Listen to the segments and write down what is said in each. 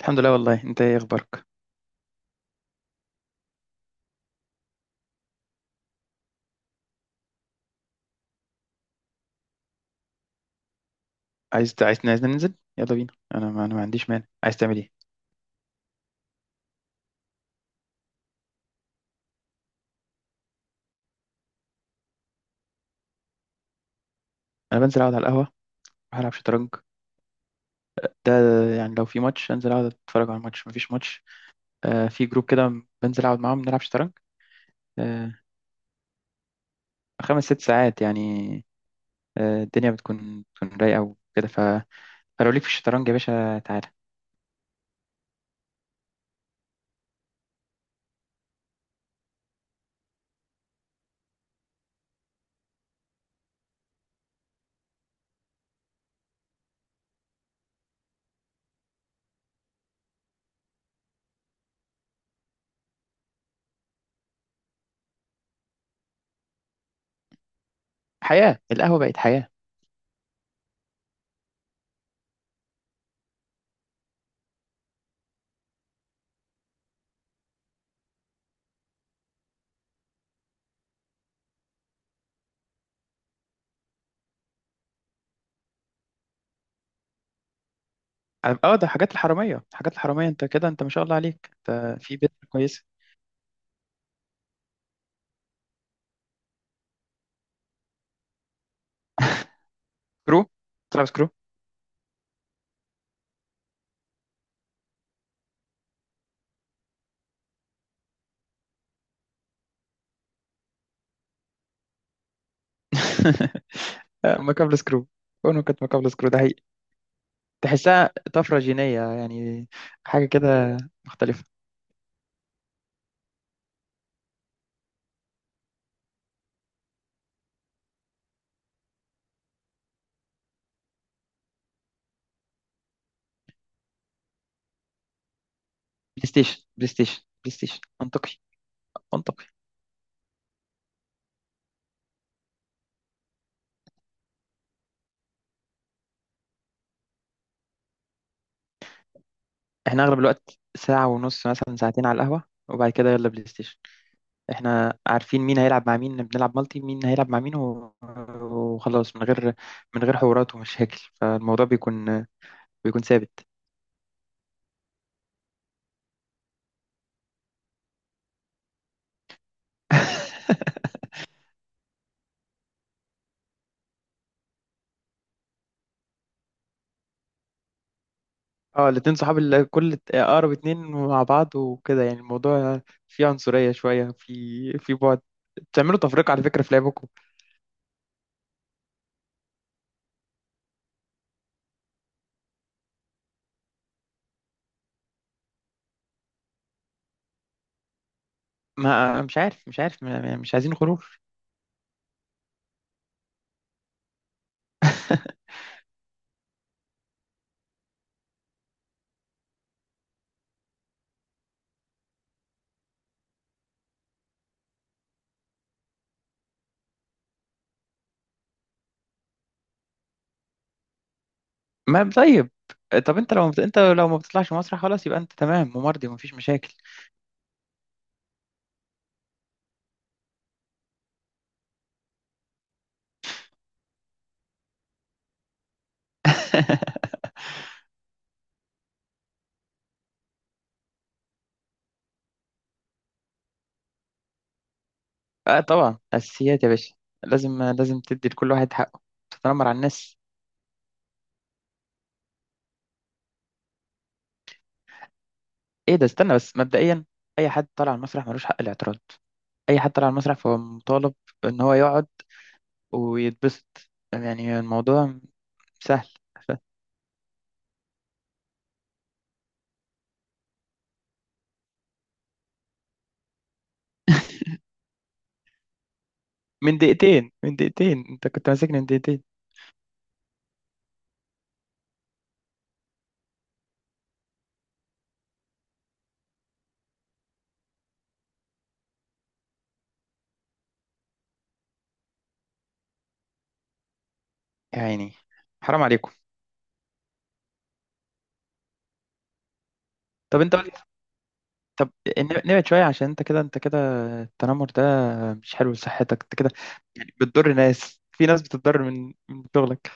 الحمد لله، والله انت ايه اخبارك؟ عايزنا ننزل، يلا بينا. انا ما عنديش مانع، عايز تعمل ايه؟ انا بنزل اقعد على القهوه، اروح العب شطرنج. ده يعني لو في ماتش انزل اقعد اتفرج على الماتش. مفيش ماتش. آه، في جروب كده بنزل اقعد معاهم نلعب شطرنج. آه، 5 6 ساعات يعني. آه، الدنيا بتكون رايقه وكده فلو ليك في الشطرنج يا باشا تعالى. حياه القهوه بقت حياه. اه، ده حاجات الحراميه حاجات الحراميه، انت كده، انت ما شاء الله عليك، انت في بيت كويس. كرو، تلعب سكرو. مكابل سكرو، كونه كانت مكابل سكرو ده حقيقي. تحسها طفرة جينية يعني، حاجة كده مختلفة. بلاي ستيشن بلاي ستيشن بلاي ستيشن، منطقي، منطقي. احنا أغلب الوقت ساعة ونص، مثلا ساعتين على القهوة، وبعد كده يلا بلاي ستيشن. احنا عارفين مين هيلعب مع مين، بنلعب مالتي، مين هيلعب مع مين و- وخلاص، من غير حوارات ومشاكل، فالموضوع بيكون ثابت. اه، الاتنين صحاب، اللي كل اقرب اتنين مع بعض وكده، يعني الموضوع فيه عنصرية شوية في بعد. بتعملوا تفرقة على فكرة في لعبكم. ما، مش عارف، مش عايزين خروج. ما طيب. طب، انت لو ما بتطلعش مسرح خلاص، يبقى انت تمام ومرضي ومفيش مشاكل. اه، طبعا اساسيات يا باشا. لازم لازم تدي لكل واحد حقه. تتنمر على الناس؟ ايه ده؟ استنى بس، مبدئيا اي حد طالع على المسرح ملوش حق الاعتراض. اي حد طالع على المسرح فهو مطالب ان هو يقعد ويتبسط، يعني الموضوع سهل. من دقيقتين، من دقيقتين انت كنت ماسكني من دقيقتين. يا عيني، حرام عليكم. طب انت قلت، طب ن- نبعد شوية، عشان انت كده، انت كده، التنمر ده مش حلو لصحتك انت كده. يعني بتضر ناس، في ناس بتتضرر من شغلك.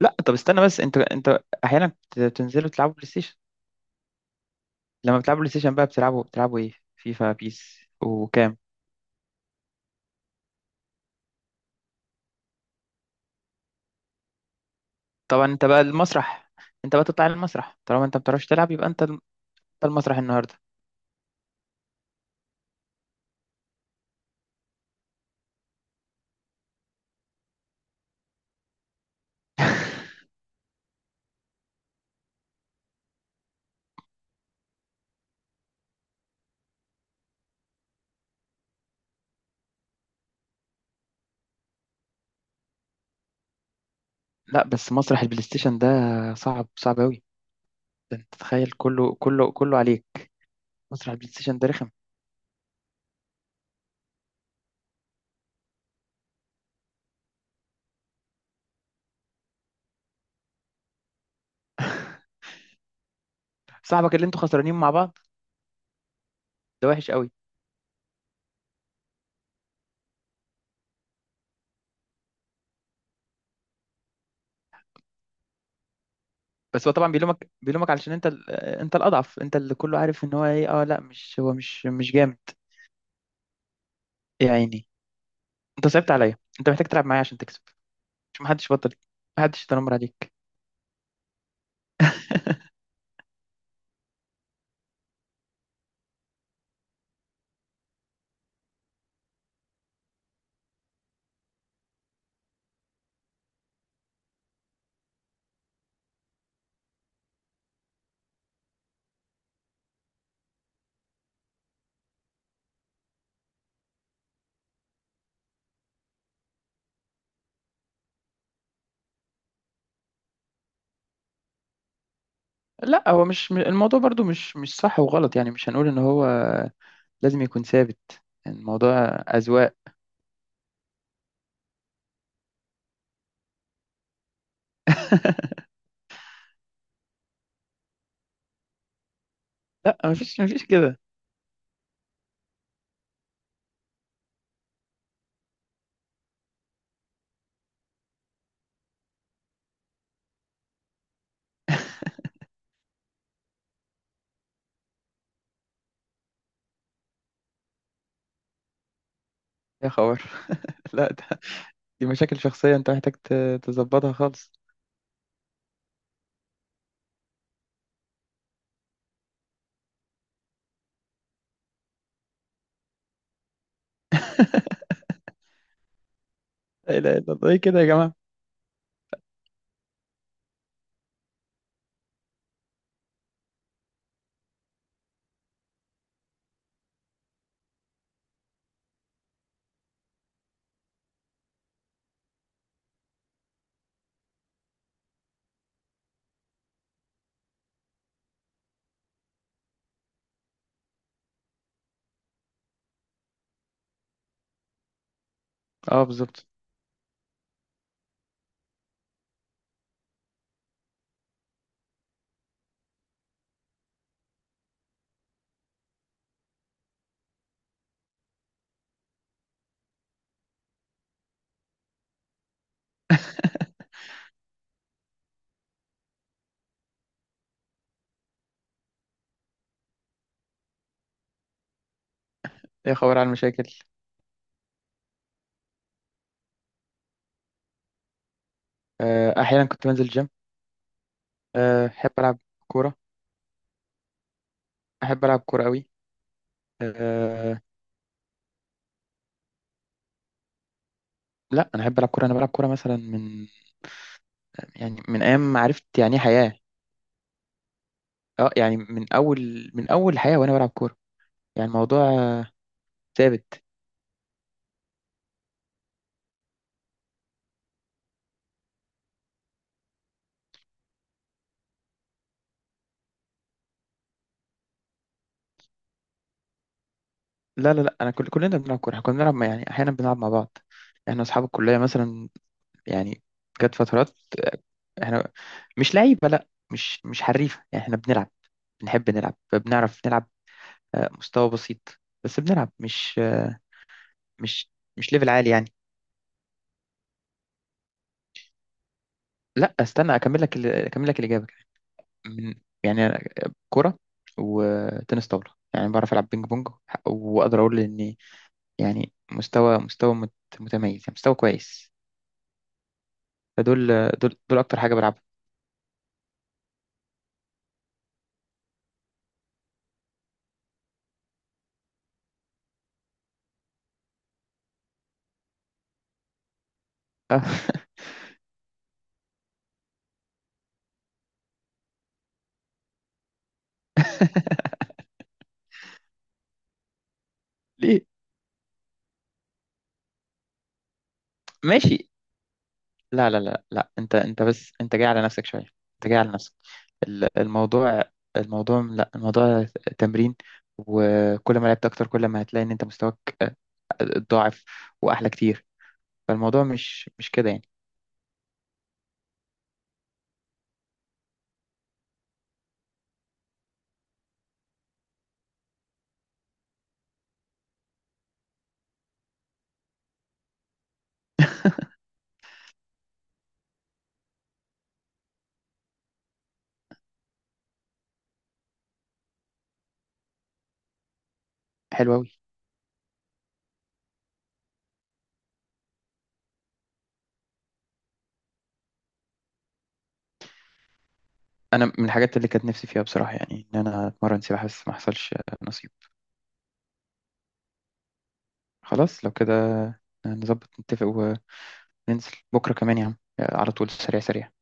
لا طب استنى بس، انت احيانا بتنزلوا تلعبوا بلاي ستيشن؟ لما بتلعبوا بلاي ستيشن بقى، بتلعبوا ايه، فيفا، بيس وكام؟ طبعا انت بقى المسرح، انت بقى تطلع المسرح طالما انت ما بتعرفش تلعب، يبقى انت المسرح النهارده. لا بس مسرح البلاي ستيشن ده صعب صعب قوي. ده انت تتخيل كله كله كله عليك. مسرح البلاي ستيشن ده رخم. صاحبك اللي انتوا خسرانين مع بعض ده وحش قوي. بس هو طبعا بيلومك بيلومك علشان انت الاضعف، انت اللي كله عارف ان هو ايه. اه لا، مش هو مش جامد. يا عيني، انت صعبت عليا، انت محتاج تلعب معايا عشان تكسب. مش محدش بطل. محدش يتنمر عليك. لا، هو مش م- الموضوع برضو مش صح وغلط، يعني مش هنقول ان هو لازم يكون ثابت، الموضوع اذواق. لا، مفيش كده. يا خبر. لا، دي مشاكل شخصية، انت محتاج تظبطها خالص. لا اله الا الله، ايه كده يا جماعة؟ اه بالظبط. يا خبر على المشاكل. آه، احيانا كنت بنزل جيم. آه، احب العب كورة. احب العب كورة قوي. أه، لا انا احب العب كورة، انا بلعب كورة مثلا من ايام ما عرفت يعني ايه حياة. اه يعني من اول حياة وانا بلعب كورة. يعني الموضوع ثابت. لا لا لا، انا كلنا بنلعب كورة، احنا كنا بنلعب، يعني احيانا بنلعب مع بعض، احنا اصحاب الكلية مثلا، يعني جت فترات. احنا مش لعيبة، لا مش حريفة يعني، احنا بنلعب، بنحب نلعب، بنعرف نلعب. آه، مستوى بسيط بس بنلعب، مش آه، مش مش ليفل عالي يعني. لا، استنى اكمل لك الإجابة. من يعني أنا، كرة وتنس طاولة، يعني بعرف العب بينج بونج، واقدر اقول اني يعني مستوى متميز يعني، مستوى كويس. فدول، دول دول اكتر حاجة بلعبها. آه، ليه؟ ماشي. لا لا لا لا، انت بس انت جاي على نفسك شويه. انت جاي على نفسك. ال- الموضوع الموضوع، لا، الموضوع تمرين. وكل ما لعبت اكتر كل ما هتلاقي ان انت مستواك اتضاعف، واحلى كتير. فالموضوع مش كده يعني. حلو قوي. انا من الحاجات اللي كانت نفسي فيها بصراحه، يعني ان انا اتمرن سباحه، بس ما حصلش نصيب. خلاص لو كده، نظبط نتفق وننزل. بكره كمان يا عم، على طول، سريع سريع.